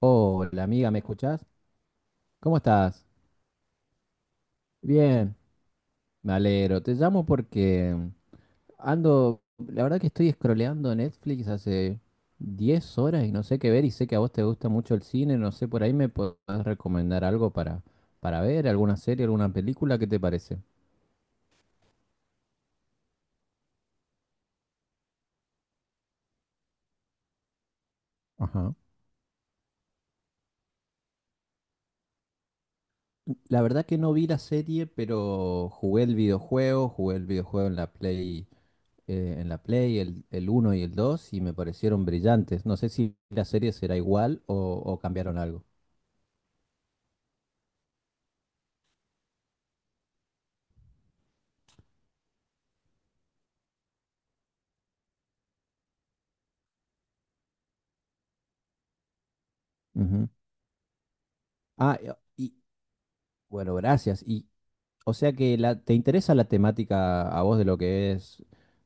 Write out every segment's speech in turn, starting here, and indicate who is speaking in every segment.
Speaker 1: Hola amiga, ¿me escuchás? ¿Cómo estás? Bien, me alegro. Te llamo porque ando, la verdad que estoy scrolleando Netflix hace 10 horas y no sé qué ver, y sé que a vos te gusta mucho el cine, no sé, por ahí me podés recomendar algo para ver, alguna serie, alguna película, ¿qué te parece? Ajá. La verdad que no vi la serie, pero jugué el videojuego en la Play, el uno y el dos, y me parecieron brillantes. No sé si la serie será igual o cambiaron algo. Ujú. Ah, y y- bueno, gracias. Y, o sea que la, te interesa la temática a vos de lo que es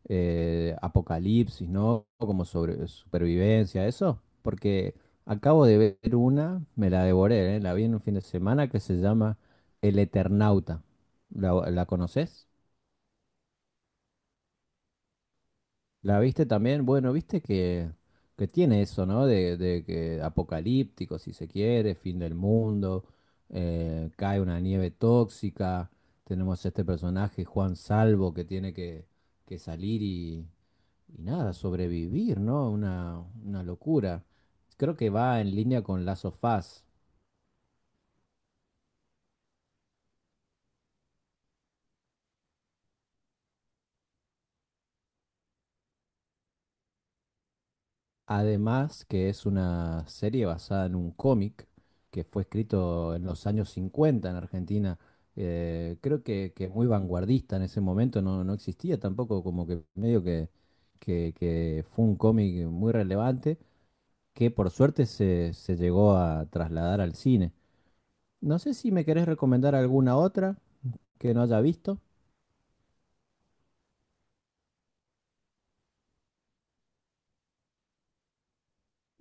Speaker 1: apocalipsis, ¿no? Como sobre supervivencia, eso. Porque acabo de ver una, me la devoré, ¿eh? La vi en un fin de semana, que se llama El Eternauta. ¿La, la conoces? ¿La viste también? Bueno, viste que tiene eso, ¿no? De que apocalíptico, si se quiere, fin del mundo, cae una nieve tóxica, tenemos este personaje, Juan Salvo, que tiene que salir y nada, sobrevivir, ¿no? Una locura. Creo que va en línea con Lazo of Us. Además, que es una serie basada en un cómic que fue escrito en los años 50 en Argentina. Creo que muy vanguardista en ese momento, no, no existía tampoco, como que medio que, que fue un cómic muy relevante, que por suerte se, se llegó a trasladar al cine. No sé si me querés recomendar alguna otra que no haya visto.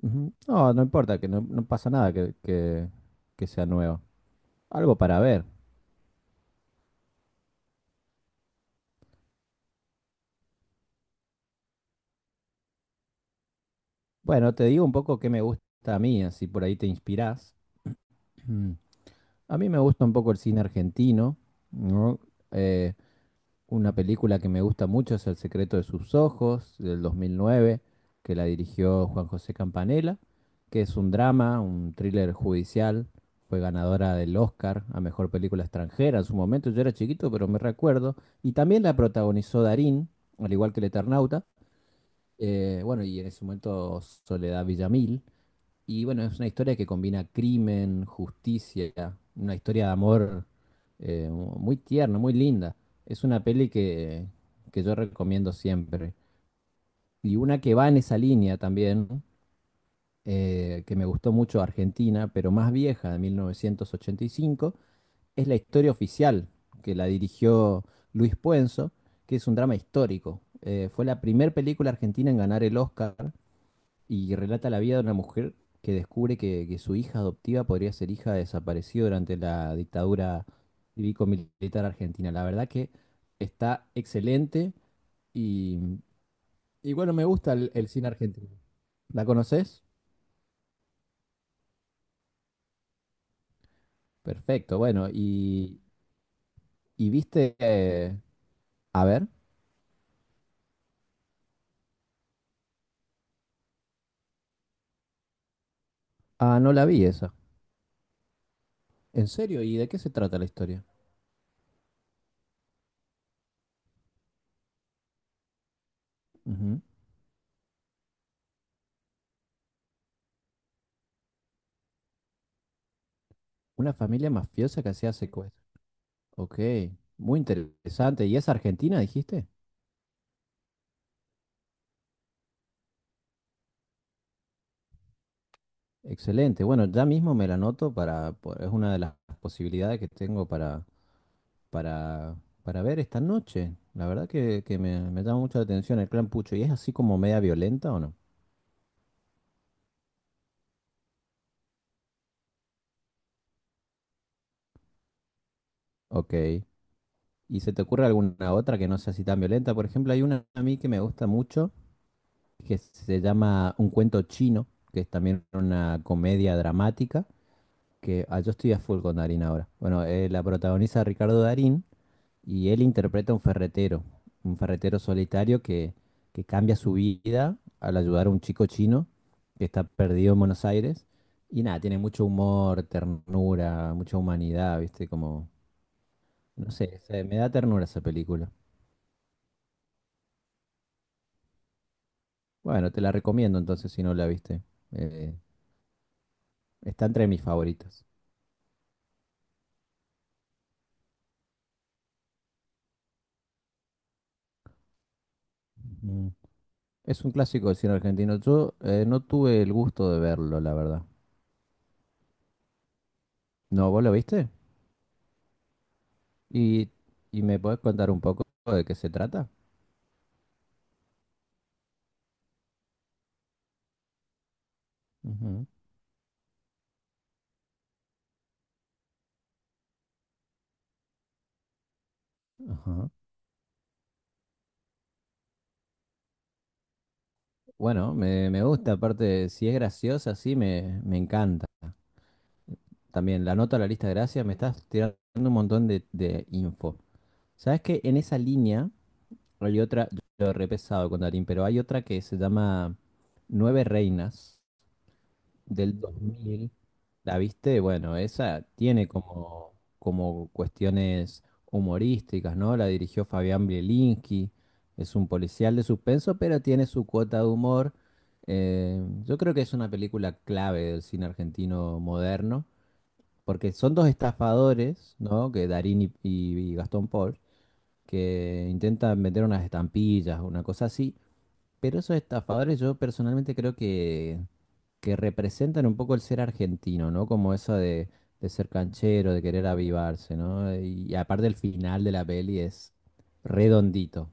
Speaker 1: Ujú. No, no importa, que no, no pasa nada que, que sea nueva. Algo para ver. Bueno, te digo un poco qué me gusta a mí, así por ahí te inspirás. Mm. A mí me gusta un poco el cine argentino, ¿no? Eh, una película que me gusta mucho es El secreto de sus ojos, del 2009, que la dirigió Juan José Campanella, que es un drama, un thriller judicial. Fue ganadora del Oscar a mejor película extranjera en su momento. Yo era chiquito, pero me recuerdo. Y también la protagonizó Darín, al igual que El Eternauta. Bueno, y en ese momento Soledad Villamil. Y bueno, es una historia que combina crimen, justicia, una historia de amor, muy tierna, muy linda. Es una peli que yo recomiendo siempre. Y una que va en esa línea también, que me gustó mucho, Argentina, pero más vieja, de 1985, es La Historia Oficial, que la dirigió Luis Puenzo, que es un drama histórico. Fue la primera película argentina en ganar el Oscar, y relata la vida de una mujer que descubre que su hija adoptiva podría ser hija de desaparecido durante la dictadura cívico-militar argentina. La verdad que está excelente, y, y bueno, me gusta el cine argentino. ¿La conoces? Perfecto, bueno, y viste, a ver, ah, no la vi esa. ¿En serio? ¿Y de qué se trata la historia? Ujú. Una familia mafiosa que hacía secuestro. Ok, muy interesante. ¿Y es Argentina, dijiste? Excelente. Bueno, ya mismo me la anoto para, po- es una de las posibilidades que tengo para, para ver esta noche. La verdad que me llama mucho la atención el clan Pucho. ¿Y es así como media violenta o no? Ok. ¿Y se te ocurre alguna otra que no sea así tan violenta? Por ejemplo, hay una a mí que me gusta mucho, que se llama Un cuento chino, que es también una comedia dramática, que ah, yo estoy a full con Darín ahora. Bueno, la protagoniza Ricardo Darín. Y él interpreta a un ferretero solitario que cambia su vida al ayudar a un chico chino que está perdido en Buenos Aires. Y nada, tiene mucho humor, ternura, mucha humanidad, ¿viste? Como, no sé, se- me da ternura esa película. Bueno, te la recomiendo entonces si no la viste. Eh, Está entre mis favoritas. Mm. Es un clásico del cine argentino. Yo no tuve el gusto de verlo, la verdad. ¿No, vos lo viste? ¿Y, y me podés contar un poco de qué se trata? Ujú. Ajá. Bueno, me gusta, aparte, si es graciosa, sí, me encanta. También la nota a la lista de gracias, me estás tirando un montón de info. ¿Sabes que en esa línea hay otra? Yo lo he repesado con Darín, pero hay otra que se llama Nueve Reinas, del 2000, ¿la viste? Bueno, esa tiene como, como cuestiones humorísticas, ¿no? La dirigió Fabián Bielinski, es un policial de suspenso, pero tiene su cuota de humor. Yo creo que es una película clave del cine argentino moderno, porque son dos estafadores, ¿no? Que Darín y, y Gastón Paul, que intentan vender unas estampillas, una cosa así. Pero esos estafadores yo personalmente creo que representan un poco el ser argentino, ¿no? Como eso de ser canchero, de querer avivarse, ¿no? Y, aparte el final de la peli es redondito.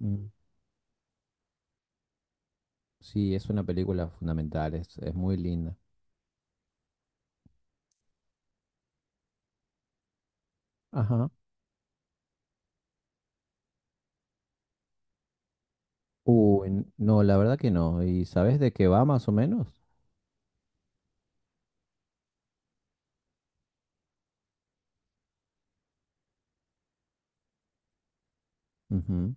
Speaker 1: Mm. Sí, es una película fundamental, es muy linda. Ajá. Uy, no, la verdad que no. ¿Y sabes de qué va más o menos? Ujú.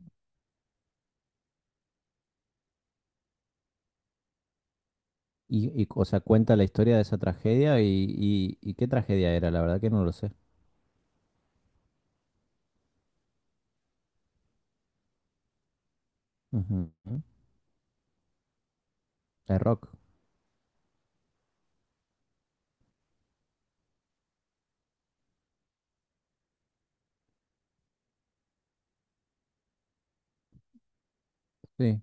Speaker 1: Y, o sea, cuenta la historia de esa tragedia y qué tragedia era, la verdad que no lo sé. Ujú. Es rock. Sí,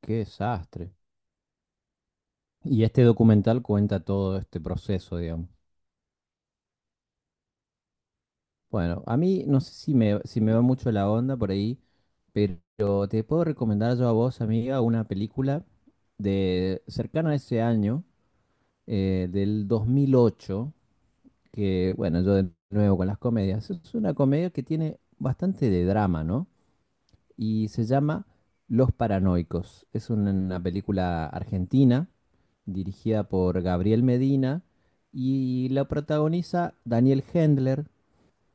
Speaker 1: qué desastre. Y este documental cuenta todo este proceso, digamos. Bueno, a mí no sé si me, si me va mucho la onda por ahí, pero te puedo recomendar yo a vos, amiga, una película de cercana a ese año, del 2008, que bueno, yo de nuevo con las comedias, es una comedia que tiene bastante de drama, ¿no? Y se llama Los Paranoicos. Es una película argentina dirigida por Gabriel Medina y la protagoniza Daniel Hendler,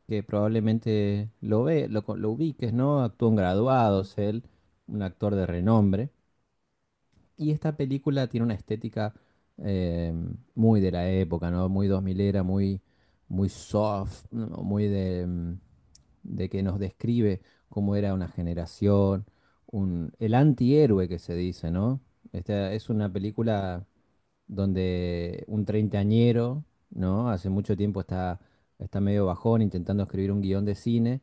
Speaker 1: que probablemente lo ve, lo ubiques, ¿no? Actuó en Graduados, él, un actor de renombre. Y esta película tiene una estética, eh, muy de la época, ¿no? Muy dos milera, muy, muy soft, ¿no? Muy de, de que nos describe cómo era una generación, un, el antihéroe que se dice, ¿no? Esta es una película donde un treintañero, ¿no? Hace mucho tiempo está, está medio bajón intentando escribir un guión de cine,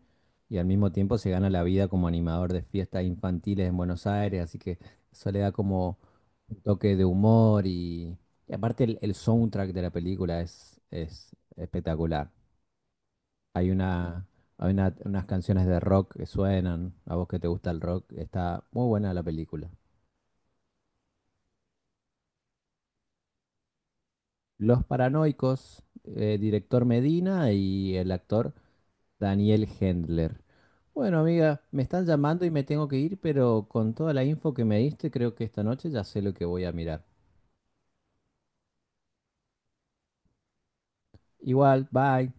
Speaker 1: y al mismo tiempo se gana la vida como animador de fiestas infantiles en Buenos Aires, así que eso le da como un toque de humor, y aparte el soundtrack de la película es espectacular. Hay una, unas canciones de rock que suenan, a vos que te gusta el rock, está muy buena la película. Los Paranoicos, director Medina y el actor Daniel Hendler. Bueno, amiga, me están llamando y me tengo que ir, pero con toda la info que me diste, creo que esta noche ya sé lo que voy a mirar. Igual, bye.